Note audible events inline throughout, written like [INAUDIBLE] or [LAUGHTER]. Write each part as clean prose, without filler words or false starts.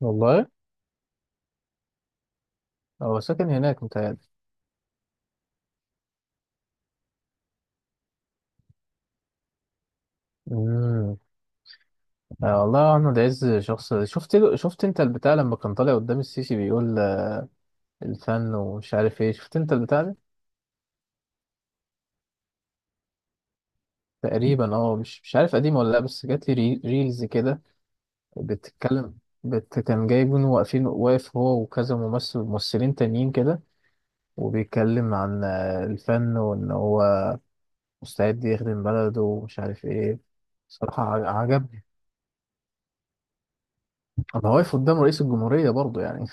والله. هو ساكن هناك متهيألي. امم والله احمد عز شخص شفت انت البتاع لما كان طالع قدام السيسي بيقول الفن ومش عارف ايه، شفت انت البتاع ده. تقريبا اه مش عارف قديم ولا لا، بس جات لي ريلز كده بتتكلم. كان جايبين واقفين واقف هو وكذا ممثلين تانيين كده وبيتكلم عن الفن وان هو مستعد يخدم بلده ومش عارف ايه. صراحة عجبني. انا واقف قدام رئيس الجمهورية برضه يعني.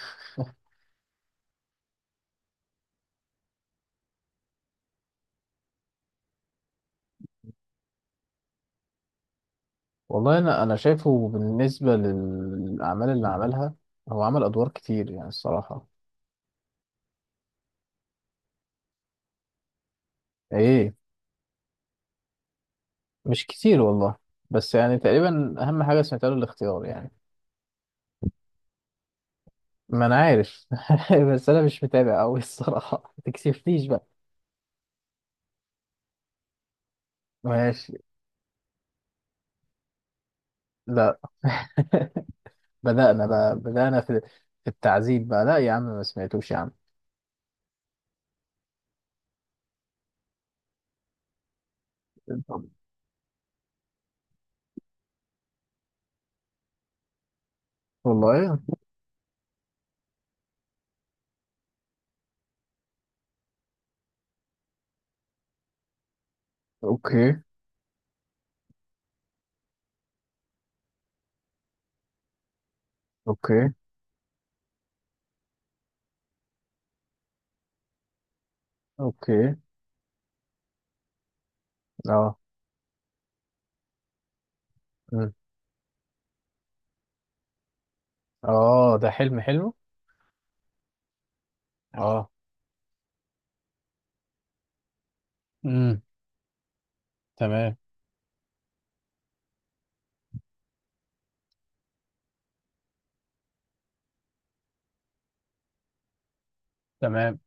والله انا شايفه بالنسبه للاعمال اللي عملها. هو عمل ادوار كتير يعني الصراحه. ايه. مش كتير والله. بس يعني تقريبا اهم حاجه سمعتها له الاختيار يعني. ما انا عارف. [LAUGHS] بس انا مش متابع قوي الصراحه، ما تكسفنيش بقى. ماشي. لا. [LAUGHS] بدأنا في التعذيب بقى. لا يا عم، ما سمعتوش يا عم. طب. والله. اوكي. اوكي. اوكي. اه. أمم. اه ده حلم حلو. اه. امم. تمام. تمام.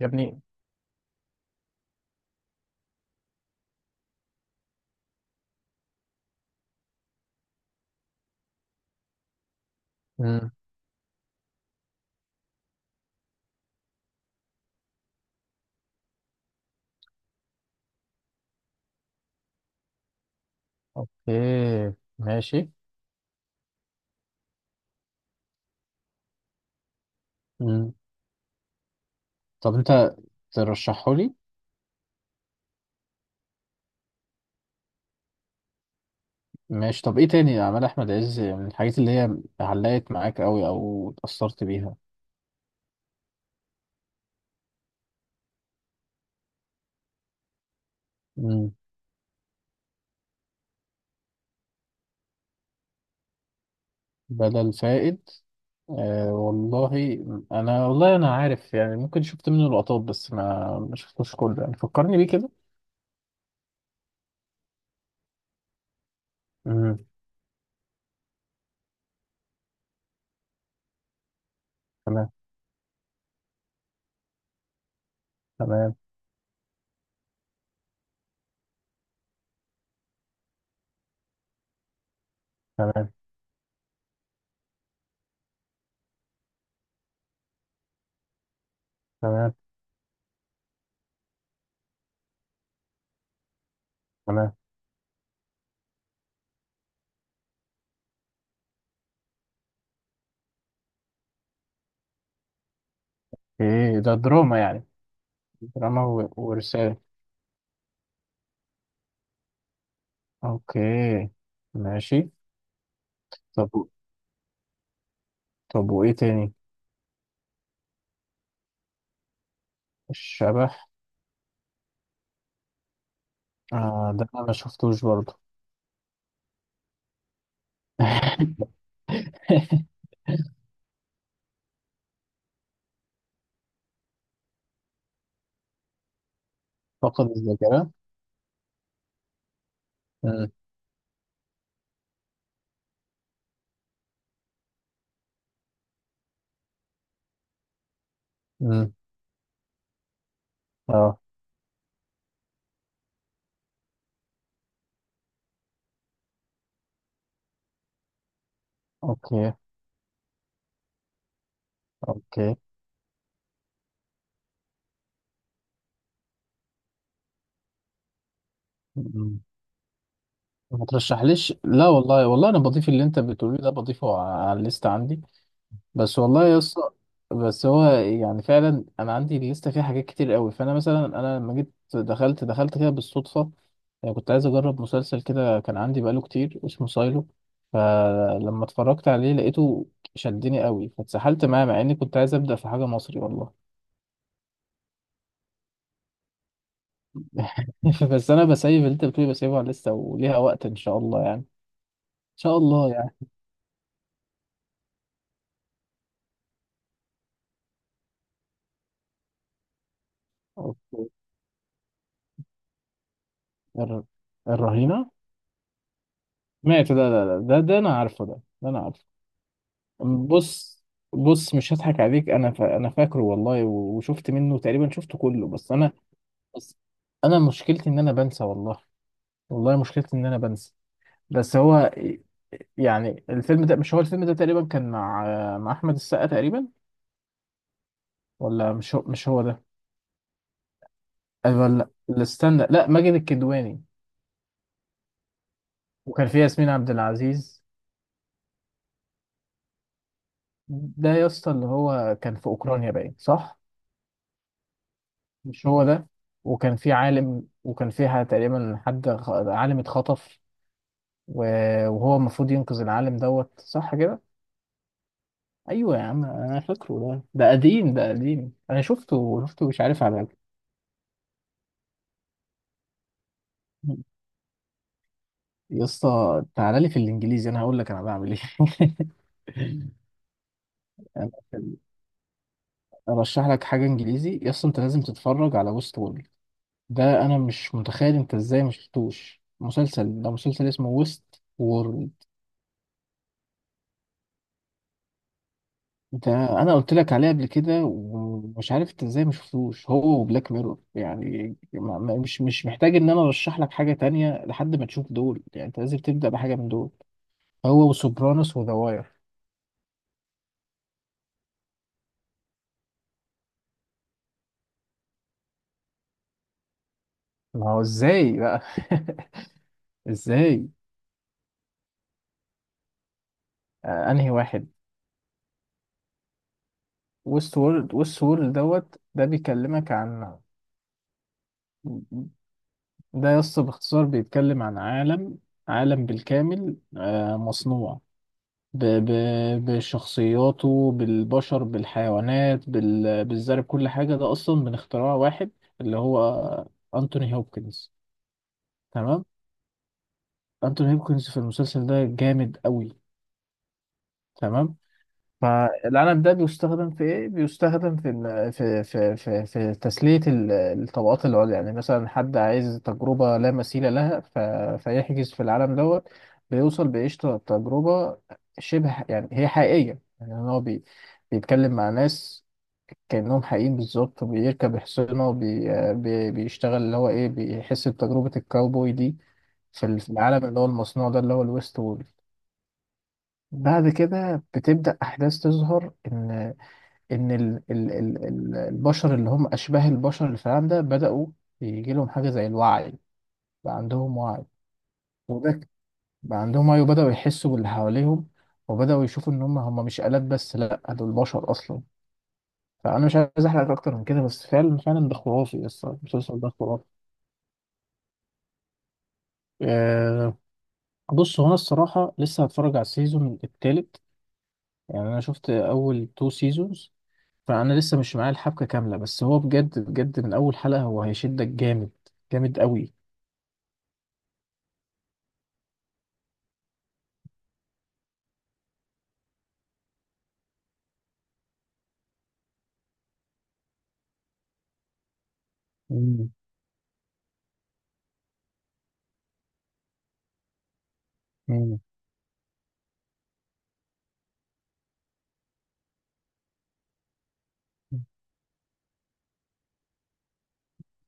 يا ابني. مم. اوكي. ماشي. مم. طب انت ترشحه لي. ماشي، طب ايه تاني اعمال احمد عز من الحاجات اللي هي علقت معاك قوي او اتأثرت بيها؟ مم. بدل فائد. آه والله. انا والله عارف يعني، ممكن شفت منه لقطات بس ما شفتوش كله، يعني فكرني بيه كده. مم. تمام. تمام. تمام. تمام. تمام. ايه ده دراما يعني؟ دراما ورسالة. اوكي. ماشي. طب. طب وايه تاني؟ الشبح. آه ده انا ما شفتوش برضه. [LAUGHS] فقد الذاكرة. مم. مم. اه. اوكي. اوكي. مم. ما ترشحليش. لا والله انا بضيف اللي انت بتقوليه ده، بضيفه على الليست عندي. بس والله يا اسطى. بس هو يعني فعلا انا عندي لسه فيه حاجات كتير قوي. فانا مثلا، انا لما جيت دخلت كده بالصدفه. يعني كنت عايز اجرب مسلسل كده كان عندي بقاله كتير، اسمه سايلو. فلما اتفرجت عليه لقيته شدني قوي، فاتسحلت معاه مع اني كنت عايز ابدا في حاجه مصري والله. [LAUGHS] بس انا بسيب اللي انت بتقولي، بسيبها لسه وليها وقت ان شاء الله يعني، أوكي. الر- الرهينه. مات ده، انا عارفه، ده انا عارفه. بص. بص مش هضحك عليك، انا انا فاكره والله وشفت منه تقريبا، شفته كله بس انا. بس انا مشكلتي ان انا بنسى والله. والله مشكلتي ان انا بنسى. بس هو، يعني الفيلم ده، مش هو الفيلم ده تقريبا كان مع احمد السقا تقريبا؟ ولا مش هو ده؟ أيوة، لا لا، استنى، لا ماجد الكدواني. وكان في ياسمين عبد العزيز. ده يا اسطى اللي هو كان في اوكرانيا باين، صح؟ مش هو ده. وكان في عالم، وكان فيها تقريبا حد عالم اتخطف، وهو المفروض ينقذ العالم دوت، صح كده. ايوه يا عم انا فاكره، ده قديم، انا شفته، مش عارف على. يا اسطى تعالى لي في الانجليزي انا هقول لك انا بعمل ايه. [LAUGHS] انا ارشح لك حاجه انجليزي يا اسطى، انت لازم تتفرج على ويست وورلد. ده انا مش متخيل انت ازاي ما شفتوش مسلسل ده. مسلسل اسمه ويست وورلد. انت، انا قلت لك عليه قبل كده ومش عارف انت ازاي ما شفتوش. هو بلاك ميرور يعني، مش محتاج ان انا ارشح لك حاجه تانية لحد ما تشوف دول، يعني انت لازم تبدا بحاجه من دول. هو وسوبرانوس وذا واير. ما هو ازاي بقى؟ [LAUGHS] ازاي؟ آه انهي واحد. ويست وورلد. ويست وورلد دوت، ده بيكلمك عن، ده يس باختصار بيتكلم عن عالم. عالم بالكامل آه مصنوع ب... ب... بشخصياته، بالبشر، بالحيوانات، بالزرع، بكل حاجة. ده أصلا من اختراع واحد اللي هو أنتوني هوبكنز. تمام. أنتوني هوبكنز في المسلسل ده جامد قوي. تمام. فالعنب ده بيستخدم في ايه؟ بيستخدم في تسلية الطبقات العليا. يعني مثلا حد عايز تجربة لا مثيل لها، ف... فيحجز في العالم دوت، بيوصل بقشطة تجربة شبه، يعني هي حقيقية. يعني هو بيتكلم مع ناس كأنهم حقيقيين بالظبط، وبيركب حصانه، وبي... بي... بيشتغل اللي هو ايه، بيحس بتجربة الكاوبوي دي في في العالم اللي هو المصنوع ده، اللي هو الويست وورلد. بعد كده بتبدأ أحداث تظهر إن ان ال ال ال ال- البشر، اللي هم اشباه البشر اللي في العالم ده، بداوا يجي لهم حاجه زي الوعي. بقى عندهم وعي. وده ك- بقى عندهم وعي، وبداوا يحسوا باللي حواليهم. وبداوا يشوفوا ان هم مش آلات بس، لا دول بشر اصلا. فانا مش عايز احرق اكتر من كده، بس فعلا فعلا ده خرافي الصراحه، المسلسل ده خرافي. أه. بص هو انا الصراحه لسه هتفرج على السيزون التالت. يعني انا شفت اول تو سيزونز. فانا لسه مش معايا الحبكه كامله، بس هو بجد بجد من اول حلقه هو هيشدك جامد. جامد قوي. مم. مم.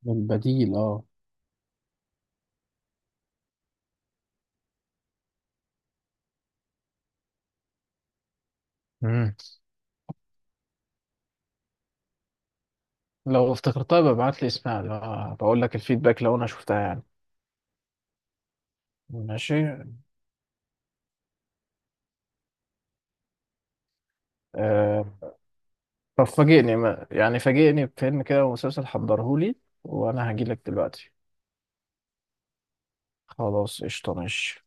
البديل اه. مم. لو افتكرتها ببعت لي اسمها، آه بقول لك الفيدباك لو انا شفتها يعني. ماشي. آه طب فاجئني، يعني فاجئني بفيلم كده ومسلسل، حضرهولي وانا هجيلك دلوقتي. خلاص قشطة، ماشي.